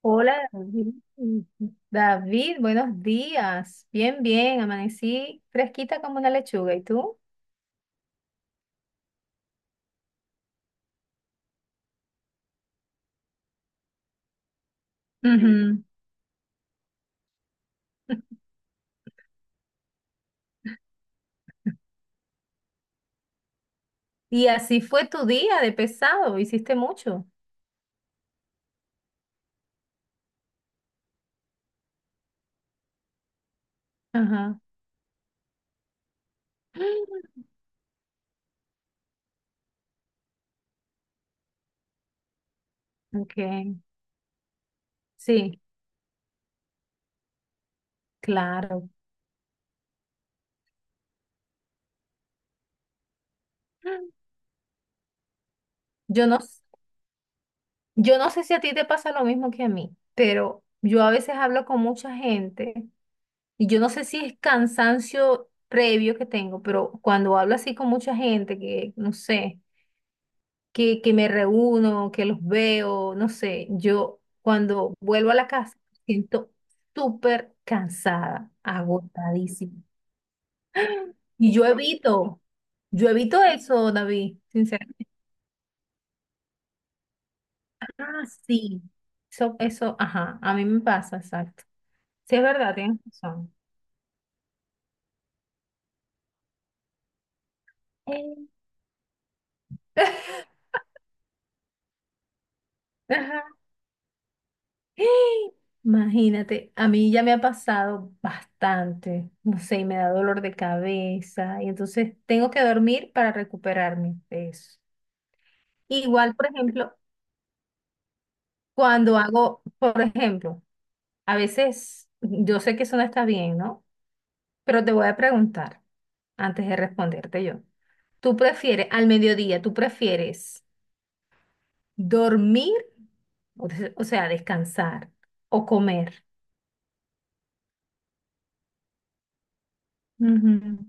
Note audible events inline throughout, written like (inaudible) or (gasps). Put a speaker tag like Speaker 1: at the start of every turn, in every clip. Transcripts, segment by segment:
Speaker 1: Hola David, David, buenos días. Bien, bien, amanecí fresquita como una lechuga. ¿Y tú? Ujú. Y así fue tu día de pesado, hiciste mucho. Ajá. Ok, sí, claro. Yo no, s- yo no sé si a ti te pasa lo mismo que a mí, pero yo a veces hablo con mucha gente y yo no sé si es cansancio previo que tengo, pero cuando hablo así con mucha gente, que no sé. Que me reúno, que los veo, no sé, yo cuando vuelvo a la casa siento súper cansada, agotadísima. Y yo evito eso, David, sinceramente. Ah, sí, eso, ajá, a mí me pasa, exacto. Sí, es verdad, tienes razón. Eh. (laughs) Imagínate, a mí ya me ha pasado bastante, no sé, y me da dolor de cabeza y entonces tengo que dormir para recuperarme de eso. Igual, por ejemplo, cuando hago, por ejemplo, a veces yo sé que eso no está bien, ¿no? Pero te voy a preguntar antes de responderte yo. ¿Tú prefieres, al mediodía, tú prefieres dormir, o sea, descansar o comer? Ujú.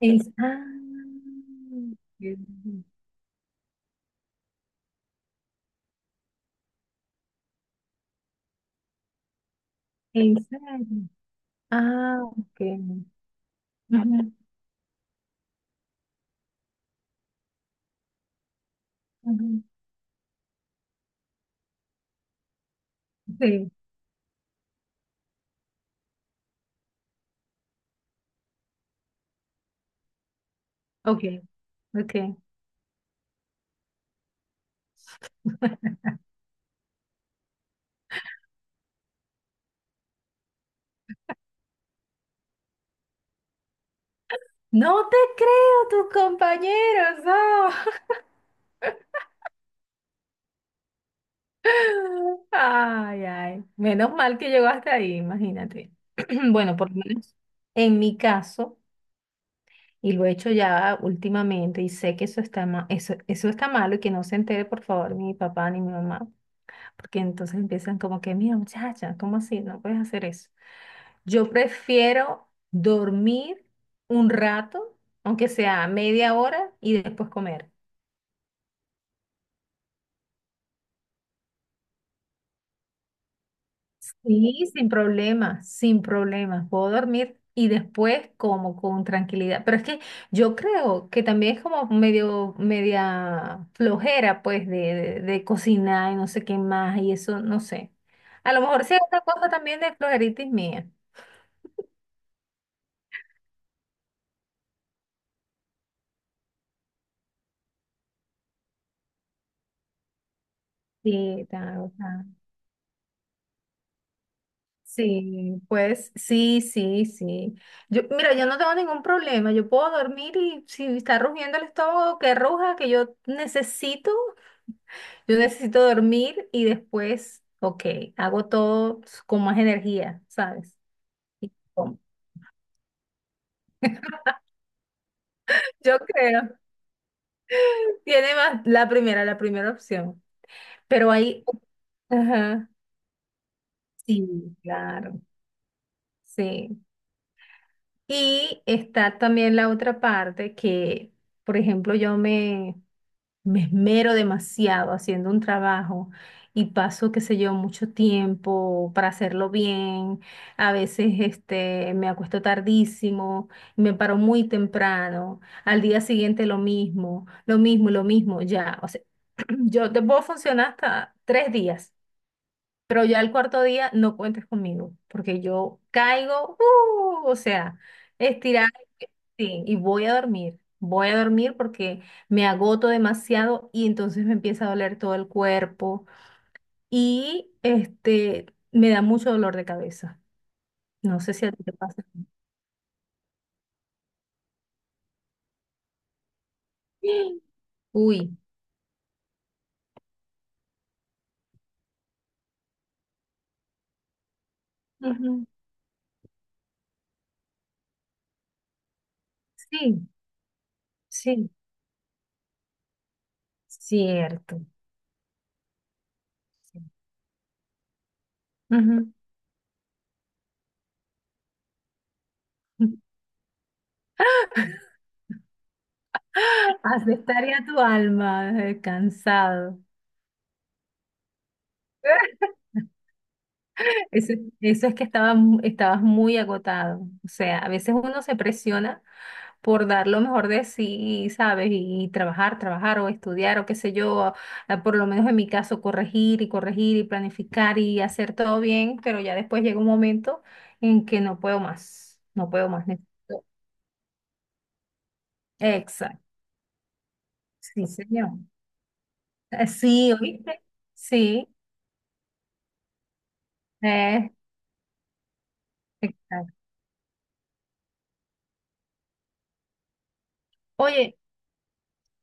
Speaker 1: Es- ah, ¿En serio? Ah, ok. Ujú, ujú. Sí, ok, ok. No te creo, tus compañeros, no. (laughs) Ay, ay. Menos mal que llegó hasta ahí, imagínate. (clears throat) Bueno, por lo menos en mi caso, y lo he hecho ya últimamente, y sé que eso está malo y que no se entere, por favor, ni mi papá ni mi mamá. Porque entonces empiezan como que, mira, muchacha, ¿cómo así? No puedes hacer eso. Yo prefiero dormir un rato, aunque sea media hora, y después comer. Sí, sin problema, sin problema. Puedo dormir y después como con tranquilidad. Pero es que yo creo que también es como medio, media flojera, pues, de cocinar y no sé qué más, y eso, no sé. A lo mejor sí es otra cosa también de flojeritis mía. Sí, sí, pues sí, sí, sí. Yo, mira, yo no tengo ningún problema. Yo puedo dormir y si está rugiendo el estómago, que ruja, que yo necesito dormir y después, ok, hago todo con más energía, ¿sabes? Com- Yo creo. Tiene más la primera opción. Pero ahí, ajá, sí, claro, sí. Y está también la otra parte que, por ejemplo, yo me esmero demasiado haciendo un trabajo y paso, qué sé yo, mucho tiempo para hacerlo bien. A veces me acuesto tardísimo, me paro muy temprano, al día siguiente lo mismo, lo mismo, lo mismo, ya. O sea, (clears throat) yo te puedo funcionar hasta tres días pero ya el cuarto día no cuentes conmigo, porque yo caigo, o sea, estirar, sí, y voy a dormir. Voy a dormir porque me agoto demasiado y entonces me empieza a doler todo el cuerpo y me da mucho dolor de cabeza. No sé si a ti te pasa. (gasps) Uy. Ujú. Sí, sí, cierto. Sí. Ujú. (laughs) Has de tu alma, cansado. (laughs) Eso, eso es que estabas muy agotado. O sea, a veces uno se presiona por dar lo mejor de sí, ¿sabes? Y, trabajar, trabajar o estudiar o qué sé yo, por lo menos en mi caso, corregir y corregir y planificar y hacer todo bien, pero ya después llega un momento en que no puedo más, no puedo más. Exacto, sí, señor. Sí, ¿oíste? Sí, eh, exacto. Oye.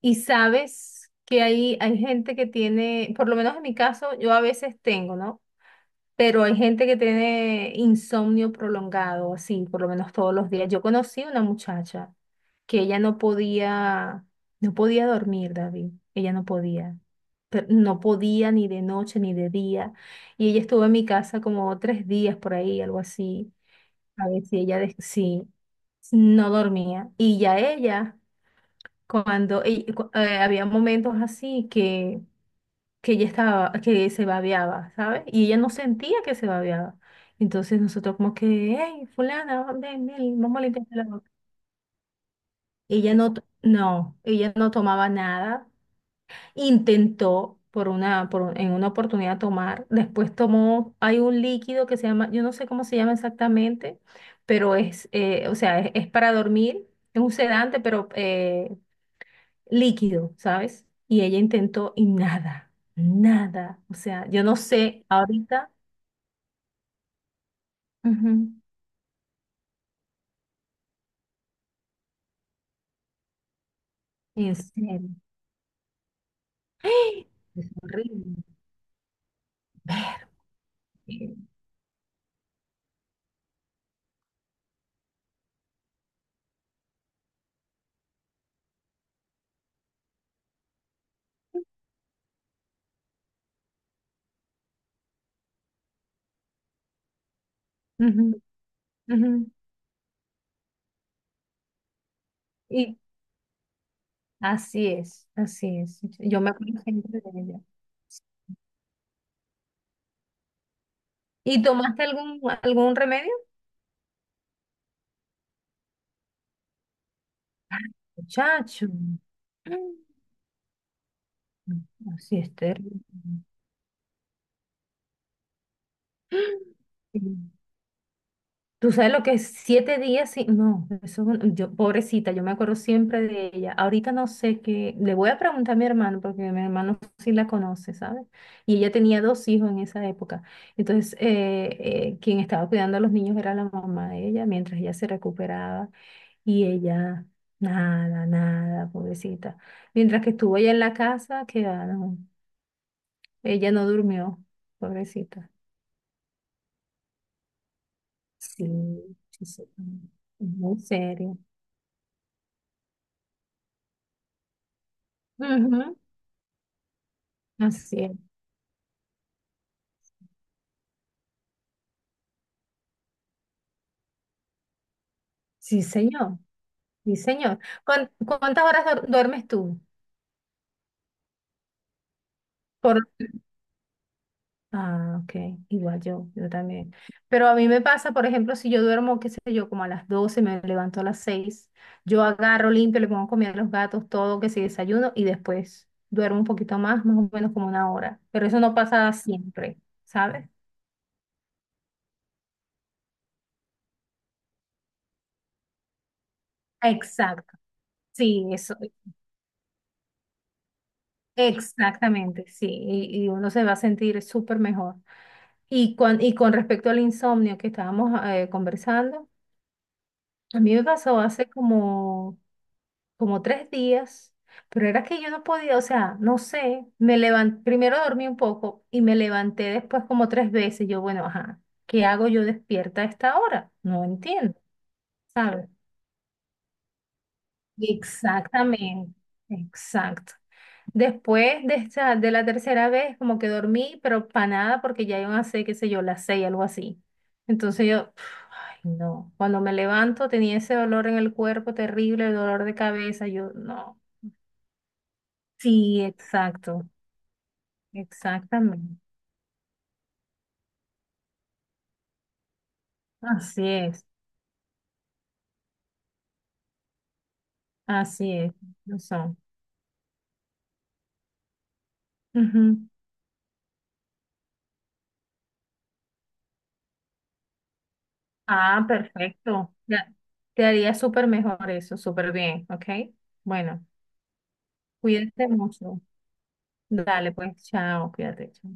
Speaker 1: Y sabes que hay gente que tiene, por lo menos en mi caso, yo a veces tengo, ¿no? Pero hay gente que tiene insomnio prolongado, así, por lo menos todos los días. Yo conocí una muchacha que ella no podía, no podía dormir, David. Ella no podía. Pero no podía ni de noche ni de día. Y ella estuvo en mi casa como 3 días por ahí, algo así. A ver si ella, sí, no dormía. Y ya ella había momentos así que, ella estaba, que se babeaba, ¿sabes? Y ella no sentía que se babeaba. Entonces nosotros como que, hey, fulana, ven, ven, vamos a limpiarte la boca. Ella no tomaba nada. Intentó por una, por, un- en una oportunidad tomar. Después tomó, hay un líquido que se llama, yo no sé cómo se llama exactamente, pero es, o sea, es para dormir. Es un sedante, pero líquido, ¿sabes? Y ella intentó y nada, nada. O sea, yo no sé ahorita, ujú, en serio, ¡ah! Es horrible. Eh, ujú, ujú. Y así es, así es. Yo me acuerdo siempre de ella. ¿Y tomaste algún remedio? Muchacho. Mm. Así es terrible. (gasps) Tú sabes lo que es 7 días sin... No, yo, pobrecita, yo me acuerdo siempre de ella. Ahorita no sé qué. Le voy a preguntar a mi hermano, porque mi hermano sí la conoce, ¿sabes? Y ella tenía dos hijos en esa época. Entonces, quien estaba cuidando a los niños era la mamá de ella, mientras ella se recuperaba. Y ella, nada, nada, pobrecita. Mientras que estuvo ella en la casa, que ah, no, ella no durmió, pobrecita. Sí, sí, sí. Muy serio. Ujú. Así es. Sí, señor. Sí, señor. ¿Cuán- ¿Cuántas horas duermes tú? Por... Ah, ok. Igual yo también. Pero a mí me pasa, por ejemplo, si yo duermo, qué sé yo, como a las 12 me levanto a las 6, yo agarro, limpio, le pongo a comer a los gatos, todo, que si desayuno, y después duermo un poquito más, más o menos como una hora. Pero eso no pasa siempre, ¿sabes? Exacto. Sí, eso. Exactamente, sí, y uno se va a sentir súper mejor. Y con respecto al insomnio que estábamos conversando, a mí me pasó hace como 3 días, pero era que yo no podía, o sea, no sé, me levanté, primero dormí un poco y me levanté después como tres veces. Yo, bueno, ajá, ¿qué hago yo despierta a esta hora? No entiendo, ¿sabes? Exactamente, exacto. Después de esa, de la tercera vez, como que dormí, pero para nada, porque ya iban a ser, qué sé yo, las 6, algo así. Entonces yo, (sighs) ay, no. Cuando me levanto tenía ese dolor en el cuerpo terrible, el dolor de cabeza. Yo, no. Sí, exacto, exactamente. Así es, así es. Eso. Ujú. Ah, perfecto. Ya. Te haría súper mejor eso, súper bien, ¿ok? Bueno, cuídate mucho. Dale, pues, chao, cuídate. Chao.